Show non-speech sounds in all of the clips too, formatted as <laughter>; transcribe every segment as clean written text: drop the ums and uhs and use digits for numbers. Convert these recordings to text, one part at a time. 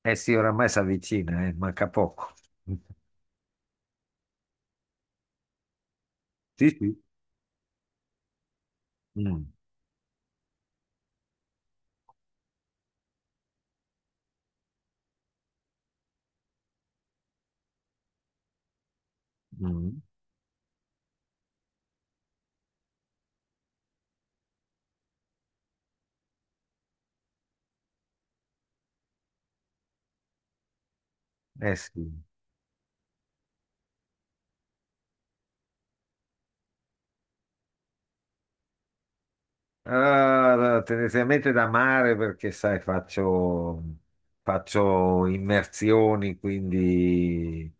Eh sì, oramai si avvicina, manca poco. Sì, sì. Mm, mm. Eh sì. Ah, tendenzialmente da mare perché, sai, faccio immersioni, quindi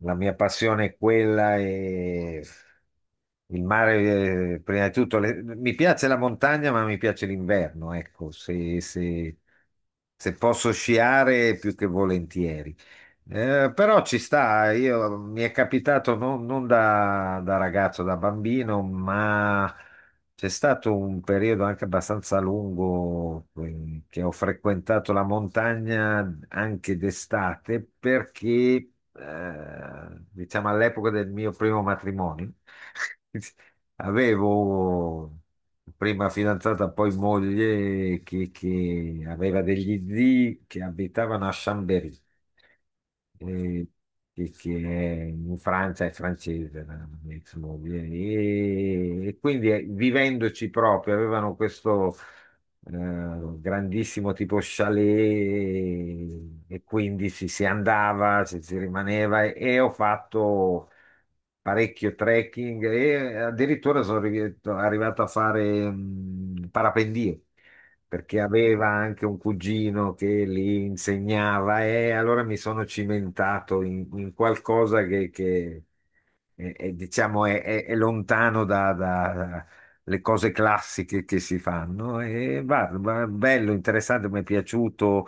la mia passione è quella e il mare, prima di tutto, mi piace la montagna, ma mi piace l'inverno, ecco, se posso sciare più che volentieri. Però ci sta, io, mi è capitato non da ragazzo, da bambino. C'è stato un periodo anche abbastanza lungo, che ho frequentato la montagna anche d'estate perché, diciamo, all'epoca del mio primo matrimonio, <laughs> avevo prima fidanzata, poi moglie, che aveva degli zii che abitavano a Chambéry, eh, che è in Francia, è francese, la mia ex moglie, e quindi vivendoci proprio, avevano questo grandissimo tipo chalet e quindi si andava, si rimaneva e ho fatto parecchio trekking e addirittura sono arrivato a fare parapendio perché aveva anche un cugino che li insegnava e allora mi sono cimentato in qualcosa che, che è, diciamo, è lontano da le cose classiche che si fanno e guarda, bello, interessante, mi è piaciuto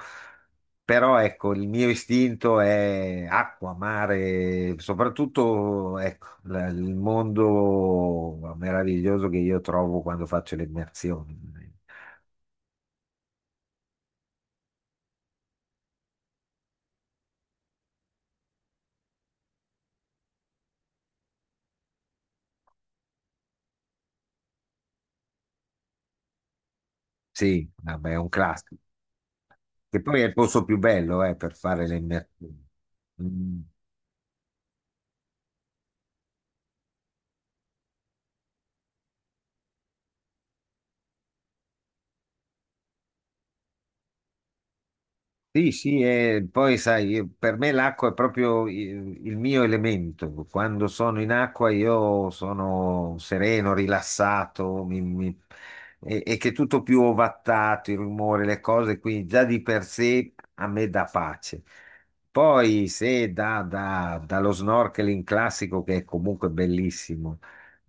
però ecco, il mio istinto è acqua, mare, soprattutto ecco, il mondo meraviglioso che io trovo quando faccio le immersioni. Sì, vabbè, è un classico. Che poi è il posto più bello per fare le immersioni. Mm. Sì, sì, e poi sai, per me l'acqua è proprio il mio elemento. Quando sono in acqua io sono sereno, rilassato. E che tutto più ovattato, i rumori, le cose, quindi già di per sé a me dà pace. Poi se dallo snorkeling classico, che è comunque bellissimo,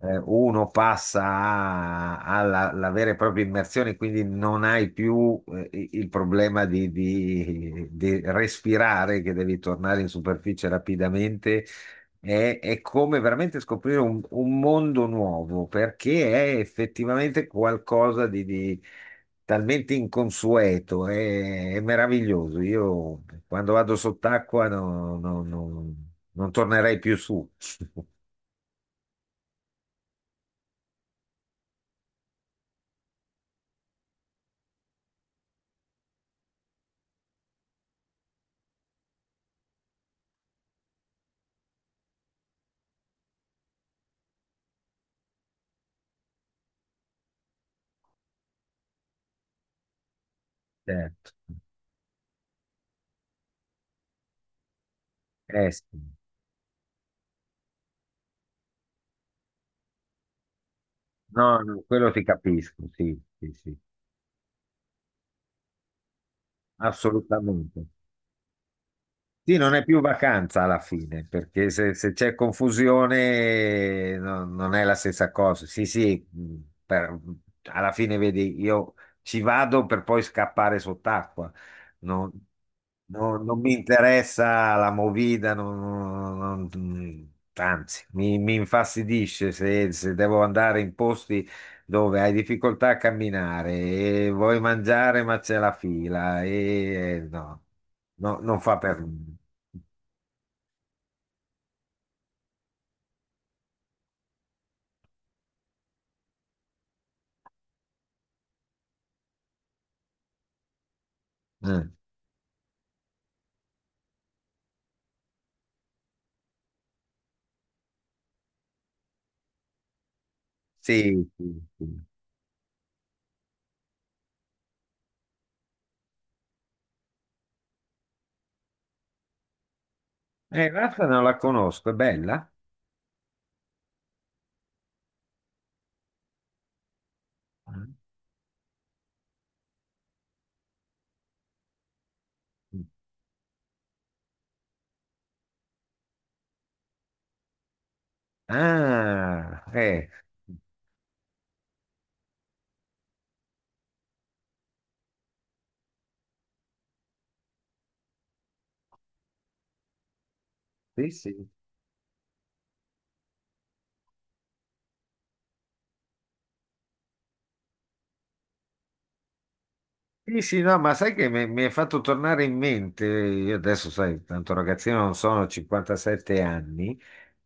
uno passa alla vera e propria immersione, quindi non hai più, il problema di respirare, che devi tornare in superficie rapidamente. È come veramente scoprire un mondo nuovo, perché è effettivamente qualcosa di talmente inconsueto, è meraviglioso. Io quando vado sott'acqua non tornerei più su. <laughs> Certo. Sì. No, no, quello ti capisco, sì, sì, sì, assolutamente. Sì, non è più vacanza alla fine, perché se c'è confusione non è la stessa cosa. Sì, sì, per- alla fine vedi, io ci vado per poi scappare sott'acqua. Non, non mi interessa la movida, anzi, mi infastidisce se devo andare in posti dove hai difficoltà a camminare e vuoi mangiare ma c'è la fila e no, no, non fa per me. Eh, sì, sì, sì. Questa non la conosco, è bella? Ah, sì, sì. Sì, sì, no, ma sai che mi è fatto tornare in mente, io adesso, sai, tanto ragazzino non sono, 57 anni.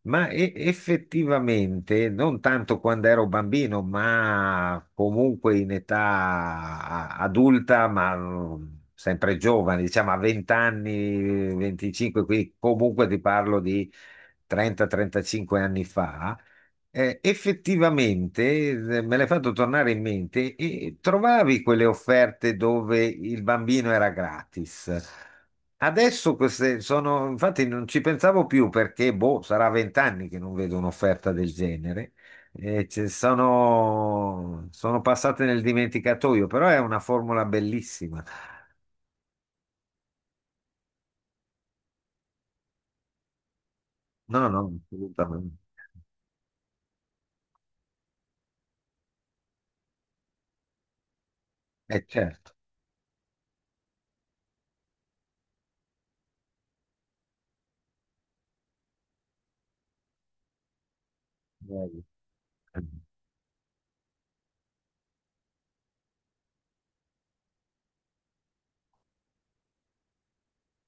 Ma effettivamente, non tanto quando ero bambino, ma comunque in età adulta, ma sempre giovane, diciamo a 20 anni, 25, quindi comunque ti parlo di 30-35 anni fa, effettivamente, me l'hai fatto tornare in mente e trovavi quelle offerte dove il bambino era gratis. Adesso queste sono, infatti non ci pensavo più perché boh, sarà 20 anni che non vedo un'offerta del genere. Sono passate nel dimenticatoio, però è una formula bellissima. No, no, assolutamente. Certo. Eh,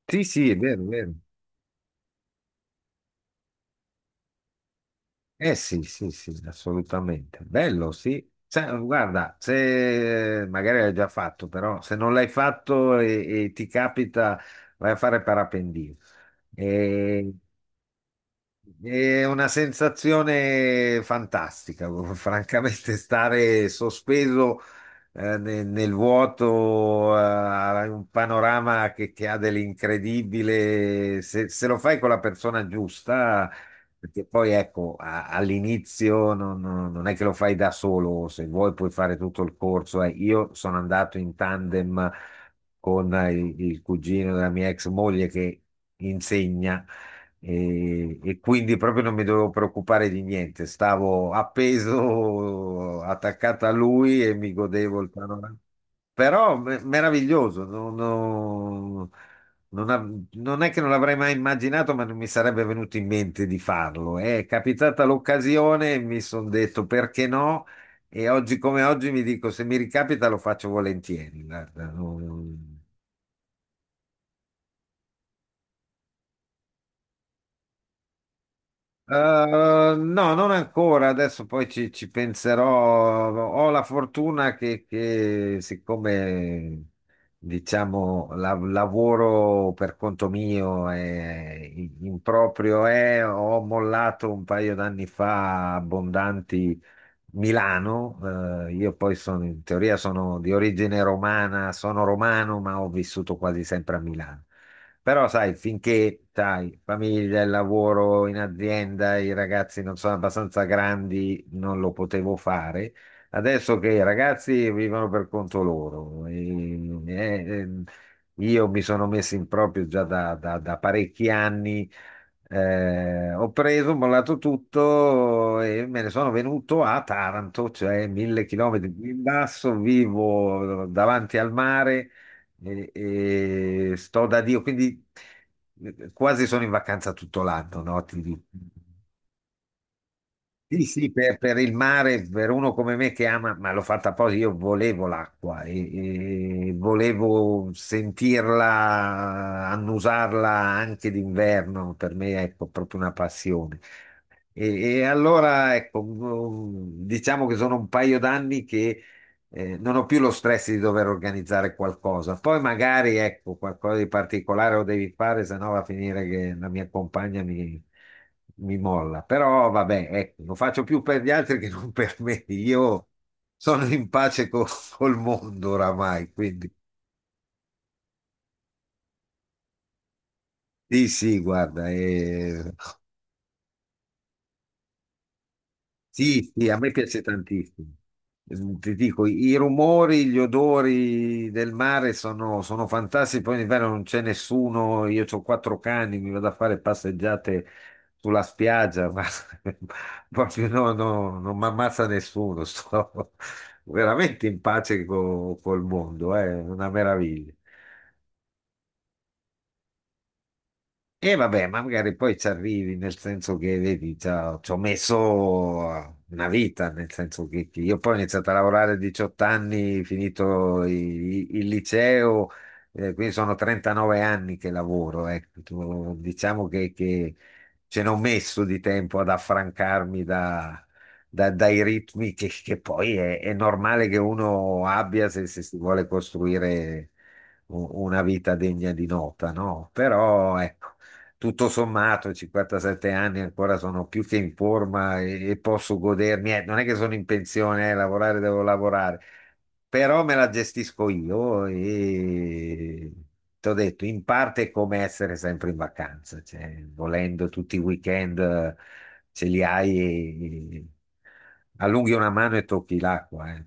sì, sì, è vero, è vero. Eh sì, sì, sì, assolutamente. Bello, sì. Cioè, guarda, se magari l'hai già fatto, però se non l'hai fatto e ti capita, vai a fare parapendio. E è una sensazione fantastica, <laughs> francamente, stare sospeso, nel, vuoto, un panorama che ha dell'incredibile. Se lo fai con la persona giusta, perché poi ecco, all'inizio non è che lo fai da solo, se vuoi puoi fare tutto il corso. Io sono andato in tandem con il cugino della mia ex moglie che insegna e quindi proprio non mi dovevo preoccupare di niente, stavo appeso, attaccato a lui e mi godevo il panorama. Però meraviglioso, non è che non l'avrei mai immaginato, ma non mi sarebbe venuto in mente di farlo. È capitata l'occasione e mi sono detto perché no? E oggi come oggi mi dico se mi ricapita lo faccio volentieri. Guarda, non. Eh, no, non ancora, adesso poi ci penserò. Ho la fortuna che, siccome lavoro per conto mio e in proprio è, ho mollato un paio d'anni fa abbondanti Milano, io poi sono, in teoria sono di origine romana, sono romano, ma ho vissuto quasi sempre a Milano. Però sai, finché, sai, famiglia, il lavoro in azienda, i ragazzi non sono abbastanza grandi, non lo potevo fare. Adesso che i ragazzi vivono per conto loro, e io mi sono messo in proprio già da parecchi anni, ho preso, ho mollato tutto e me ne sono venuto a Taranto, cioè 1.000 chilometri più in basso, vivo davanti al mare e, e sto da Dio, quindi quasi sono in vacanza tutto l'anno, no? Ti dico. Sì, sì, per il mare, per uno come me che ama, ma l'ho fatta apposta, io volevo l'acqua e volevo sentirla, annusarla anche d'inverno, per me è proprio una passione. E, e allora, ecco, diciamo che sono un paio d'anni che non ho più lo stress di dover organizzare qualcosa. Poi magari, ecco, qualcosa di particolare lo devi fare, se no va a finire che la mia compagna mi, mi molla. Però vabbè, ecco, lo faccio più per gli altri che non per me. Io sono in pace <laughs> col mondo oramai, quindi sì, sì, guarda. Eh, Sì, sì, a me piace tantissimo. Ti dico, i rumori, gli odori del mare sono, sono fantastici. Poi in inverno non c'è nessuno. Io ho quattro cani, mi vado a fare passeggiate sulla spiaggia, ma <laughs> proprio no, no, non mi ammazza nessuno. <laughs> Sto veramente in pace col mondo, è una meraviglia. E vabbè, ma magari poi ci arrivi, nel senso che, vedi, ci ho messo una vita, nel senso che io poi ho iniziato a lavorare a 18 anni, finito il liceo, quindi sono 39 anni che lavoro, ecco. Diciamo che, ce n'ho messo di tempo ad affrancarmi dai ritmi che poi è normale che uno abbia se si vuole costruire una vita degna di nota, no? Però, ecco tutto sommato, 57 anni ancora sono più che in forma e posso godermi. Eh, non è che sono in pensione, lavorare devo lavorare, però me la gestisco io e ti ho detto, in parte è come essere sempre in vacanza, cioè, volendo tutti i weekend ce li hai e allunghi una mano e tocchi l'acqua.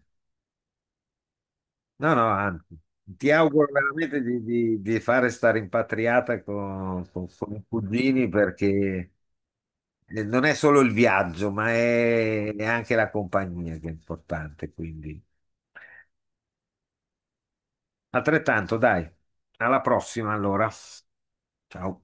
No, no, anzi. Ti auguro veramente di fare sta rimpatriata con i cugini perché non è solo il viaggio, ma è anche la compagnia che è importante, quindi. Altrettanto, dai. Alla prossima, allora. Ciao.